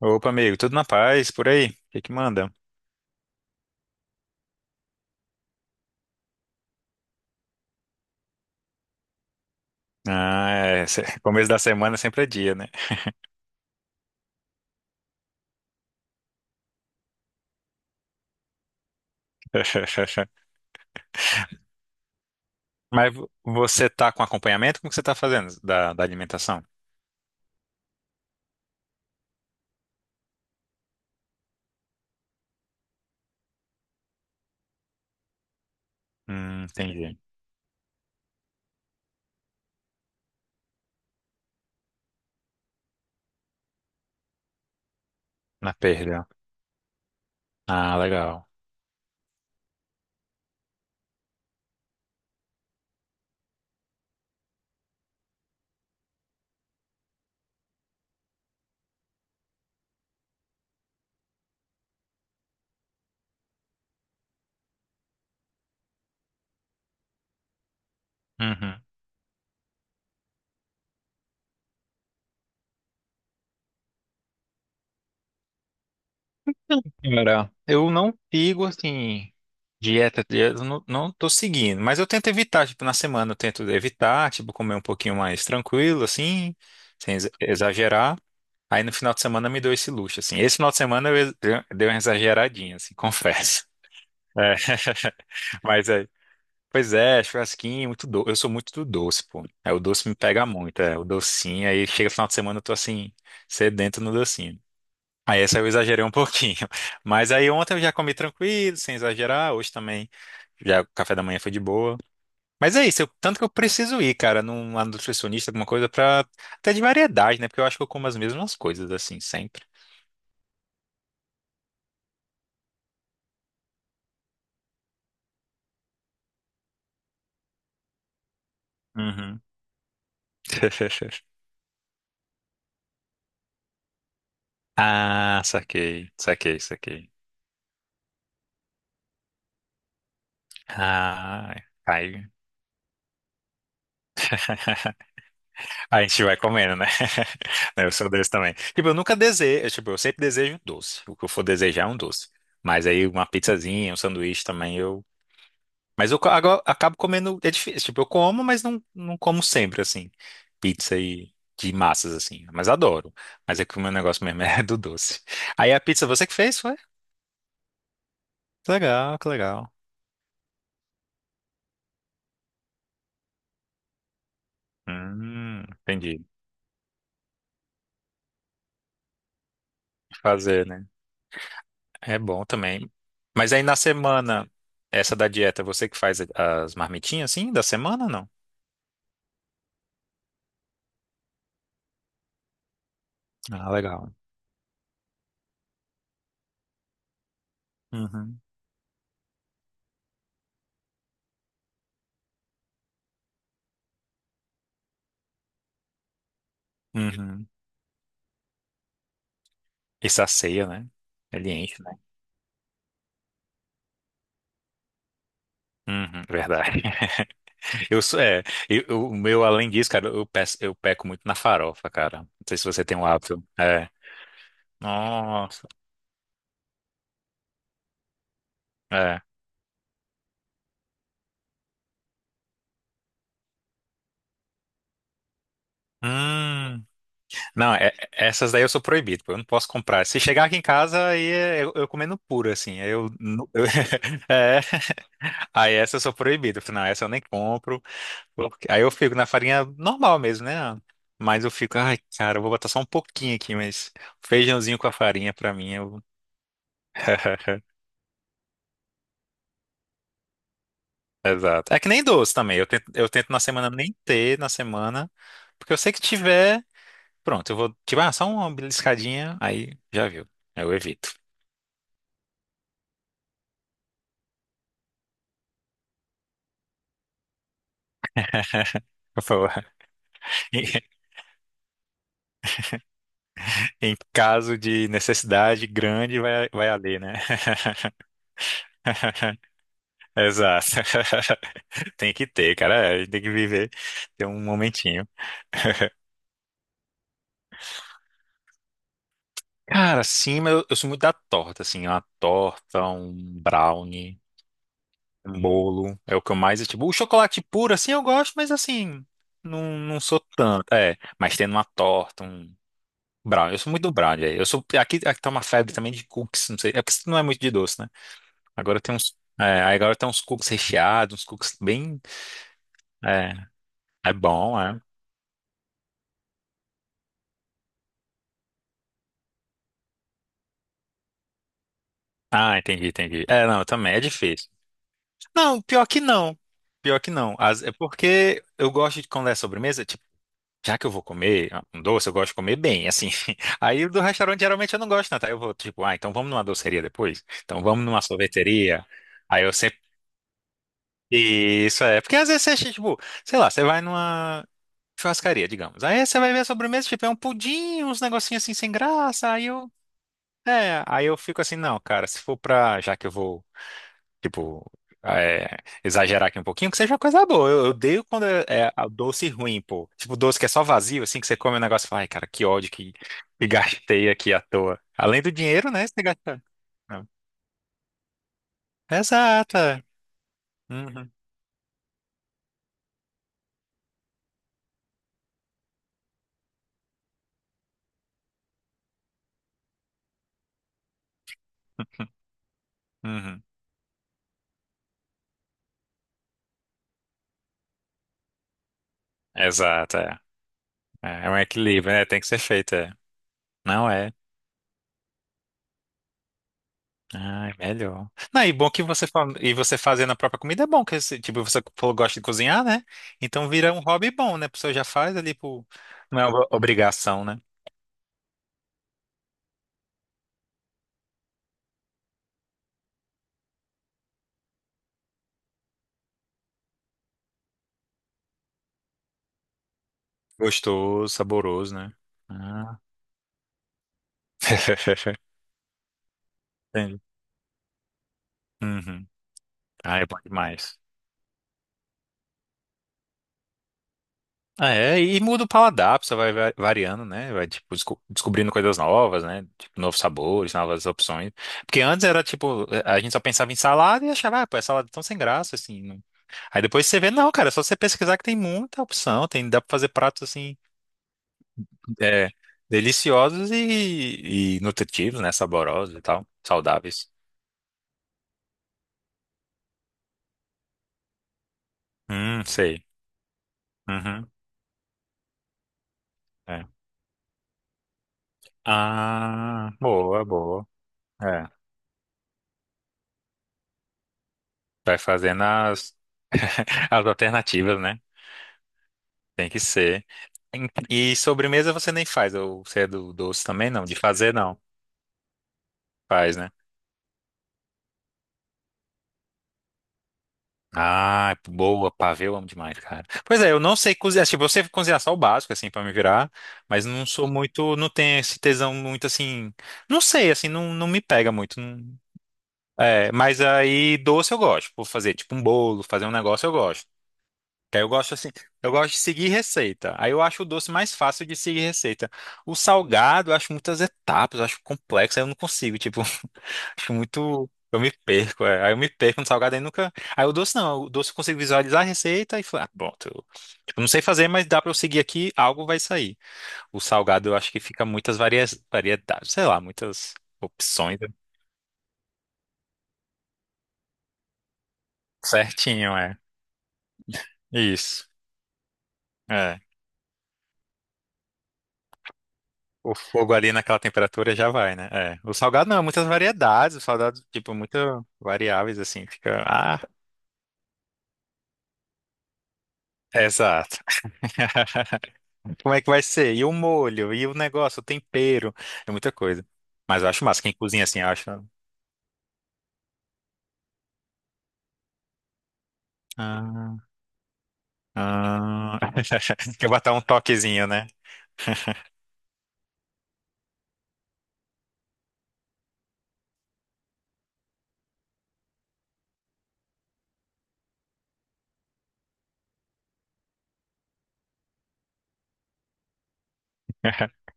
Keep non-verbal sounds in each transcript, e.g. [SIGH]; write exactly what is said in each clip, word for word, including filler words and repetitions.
Opa, amigo, tudo na paz por aí? O que que manda? Ah, é, se- [LAUGHS] começo da semana sempre é dia, né? [LAUGHS] Mas vo- você tá com acompanhamento? Como que você tá fazendo da, da alimentação? Hum, entendi. Na perda. Ah, legal. Uhum. Cara, eu não sigo, assim, dieta, dieta, eu não, não tô seguindo, mas eu tento evitar, tipo, na semana eu tento evitar, tipo, comer um pouquinho mais tranquilo, assim, sem ex- exagerar. Aí no final de semana me deu esse luxo, assim. Esse final de semana eu ex- deu deu uma exageradinha, assim, confesso. É. [LAUGHS] Mas é. Pois é, churrasquinho, muito doce. Eu sou muito do doce, pô. É, o doce me pega muito, é. O docinho, aí chega final de semana eu tô assim, sedento no docinho. Aí essa eu exagerei um [LAUGHS] pouquinho. Mas aí ontem eu já comi tranquilo, sem exagerar. Hoje também, já o café da manhã foi de boa. Mas é isso, eu- tanto que eu preciso ir, cara, numa nutricionista, alguma coisa pra. Até de variedade, né? Porque eu acho que eu como as mesmas coisas, assim, sempre. Uhum. [LAUGHS] Ah, saquei, saquei, saquei. Ah, aí, [LAUGHS] a gente vai comendo, né? [LAUGHS] Eu sou desse também. Tipo, eu nunca desejo, tipo, eu sempre desejo doce. O que eu for desejar é um doce. Mas aí uma pizzazinha, um sanduíche também eu. Mas eu ca- agora acabo comendo, é difícil. Tipo, eu como, mas não, não como sempre, assim. Pizza e de massas, assim. Mas adoro. Mas é que o meu negócio mesmo [LAUGHS] é do doce. Aí a pizza você que fez, foi? Que legal, que legal. Hum, entendi. Fazer, né? É bom também. Mas aí na semana, essa da dieta, você que faz as marmitinhas assim da semana, ou não? Ah, legal. Uhum. Uhum. E sacia, né? Ele enche, né? Uhum, verdade. [LAUGHS] Eu sou, é, eu- eu- o meu, além disso, cara, eu peço, eu peco muito na farofa, cara. Não sei se você tem um hábito. É. Nossa. É. Hum. Não, é- essas daí eu sou proibido, pô. Eu não posso comprar. Se chegar aqui em casa, aí é- eu, eu comendo puro, assim. Aí eu, nu- [LAUGHS] eu, [LAUGHS] é. Aí essa eu sou proibido. Eu falo, não, essa eu nem compro. porque- Aí eu fico na farinha normal mesmo, né? Mas eu fico, ai, cara, eu vou botar só um pouquinho aqui, mas feijãozinho com a farinha pra mim eu. [LAUGHS] Exato. É que nem doce também. Eu tento, eu tento na semana nem ter na semana, porque eu sei que tiver, pronto, eu vou, tipo, ah, só uma beliscadinha, aí já viu. Eu evito. [LAUGHS] Eu falo, em em caso de necessidade grande, vai, vai ali, né? [LAUGHS] Exato. [LAUGHS] Tem que ter, cara. É, a gente tem que viver. Tem um momentinho. Cara, sim, mas eu, eu sou muito da torta, assim. Uma torta, um brownie, um bolo. É o que eu mais. Tipo, o chocolate puro, assim, eu gosto, mas assim. Não, não sou tanto. É, mas tendo uma torta, um brownie. Eu sou muito do brownie. Aí. Eu sou. Aqui, aqui tá uma febre também de cookies, não sei. É porque isso não é muito de doce, né? Agora tem uns. É, aí agora tem uns cookies recheados, uns cookies bem. É, é bom, é. Ah, entendi, entendi. É, não, também é difícil. Não, pior que não. Pior que não. As- é porque eu gosto de quando é sobremesa, tipo, já que eu vou comer ah, um doce, eu gosto de comer bem, assim. [LAUGHS] Aí do restaurante geralmente eu não gosto tanto. Aí eu vou, tipo, ah, então vamos numa doceria depois? Então vamos numa sorveteria. Aí eu sempre. Isso é. Porque às vezes você, acha, tipo, sei lá, você vai numa churrascaria, digamos. Aí você vai ver a sobremesa, tipo, é um pudim, uns negocinhos assim sem graça. Aí eu. É, aí eu fico assim, não, cara, se for pra. Já que eu vou. Tipo, ah, é, exagerar aqui um pouquinho, que seja coisa boa. Eu, eu odeio quando é, é a doce ruim, pô. Tipo, doce que é só vazio, assim, que você come o negócio e fala, ai, cara, que ódio que, que gastei aqui à toa. Além do dinheiro, né? Você gasta. Não. Exato. É. Uhum. [LAUGHS] Uhum. Exato, é. É é um equilíbrio, né? Tem que ser feito, é. Não é. Ah, é melhor. Não, e bom que você fa- e você fazendo a própria comida é bom, que você, tipo, você falou que gosta de cozinhar, né? Então vira um hobby bom, né? A pessoa já faz ali por... Não é uma obrigação, né? Gostoso, saboroso, né? Ah. [LAUGHS] Entendi. Uhum. Ah, é bom demais. Ah, é, e muda o paladar, você vai va- variando, né? Vai, tipo, desco- descobrindo coisas novas, né? Tipo, novos sabores, novas opções. Porque antes era, tipo, a gente só pensava em salada e achava, ah, pô, é salada tão sem graça, assim. não- Aí depois você vê, não, cara, é só você pesquisar que tem muita opção, tem, dá pra fazer pratos, assim, é, deliciosos e, e nutritivos, né? Saborosos e tal, saudáveis. Hum, sei. Uhum. É. Ah, boa, boa. É, vai fazendo as, as alternativas, né? Tem que ser. E sobremesa você nem faz, ou você é do doce também? Não, de fazer não. Faz, né? Ah, boa, pavê, eu amo demais, cara. Pois é, eu não sei cozinhar, tipo, eu sei cozinhar só o básico, assim, pra me virar, mas não sou muito, não tenho esse tesão muito, assim, não sei, assim, não, não me pega muito. não- É, mas aí doce eu gosto, por fazer, tipo, um bolo, fazer um negócio eu gosto. Aí eu gosto assim, eu gosto de seguir receita. Aí eu acho o doce mais fácil de seguir receita. O salgado, eu acho muitas etapas, eu acho complexo, aí eu não consigo, tipo, [LAUGHS] acho muito. Eu me perco, é. Aí eu me perco no salgado, aí nunca. Aí o doce não, o doce eu consigo visualizar a receita e falar, ah, bom, eu tipo, não sei fazer, mas dá pra eu seguir aqui, algo vai sair. O salgado eu acho que fica muitas varia... variedades, sei lá, muitas opções. Certinho, é. Isso. É o fogo ali naquela temperatura já vai, né? É. O salgado não, é muitas variedades. O salgado, tipo, muito variáveis, assim, fica. Ah, é exato. [LAUGHS] Como é que vai ser? E o molho, e o negócio, o tempero, é muita coisa. Mas eu acho massa, quem cozinha assim, acha. Ah, ah. [LAUGHS] Quer botar um toquezinho, né? [LAUGHS]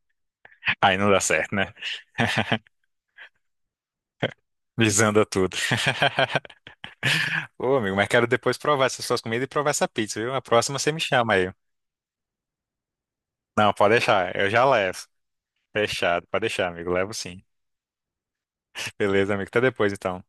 Aí não dá certo, né? [LAUGHS] Visando tudo. [LAUGHS] Ô, amigo, mas quero depois provar essas suas comidas e provar essa pizza, viu? A próxima você me chama aí. Não, pode deixar, eu já levo. Fechado, pode deixar, amigo. Levo sim. Beleza, amigo. Até depois, então.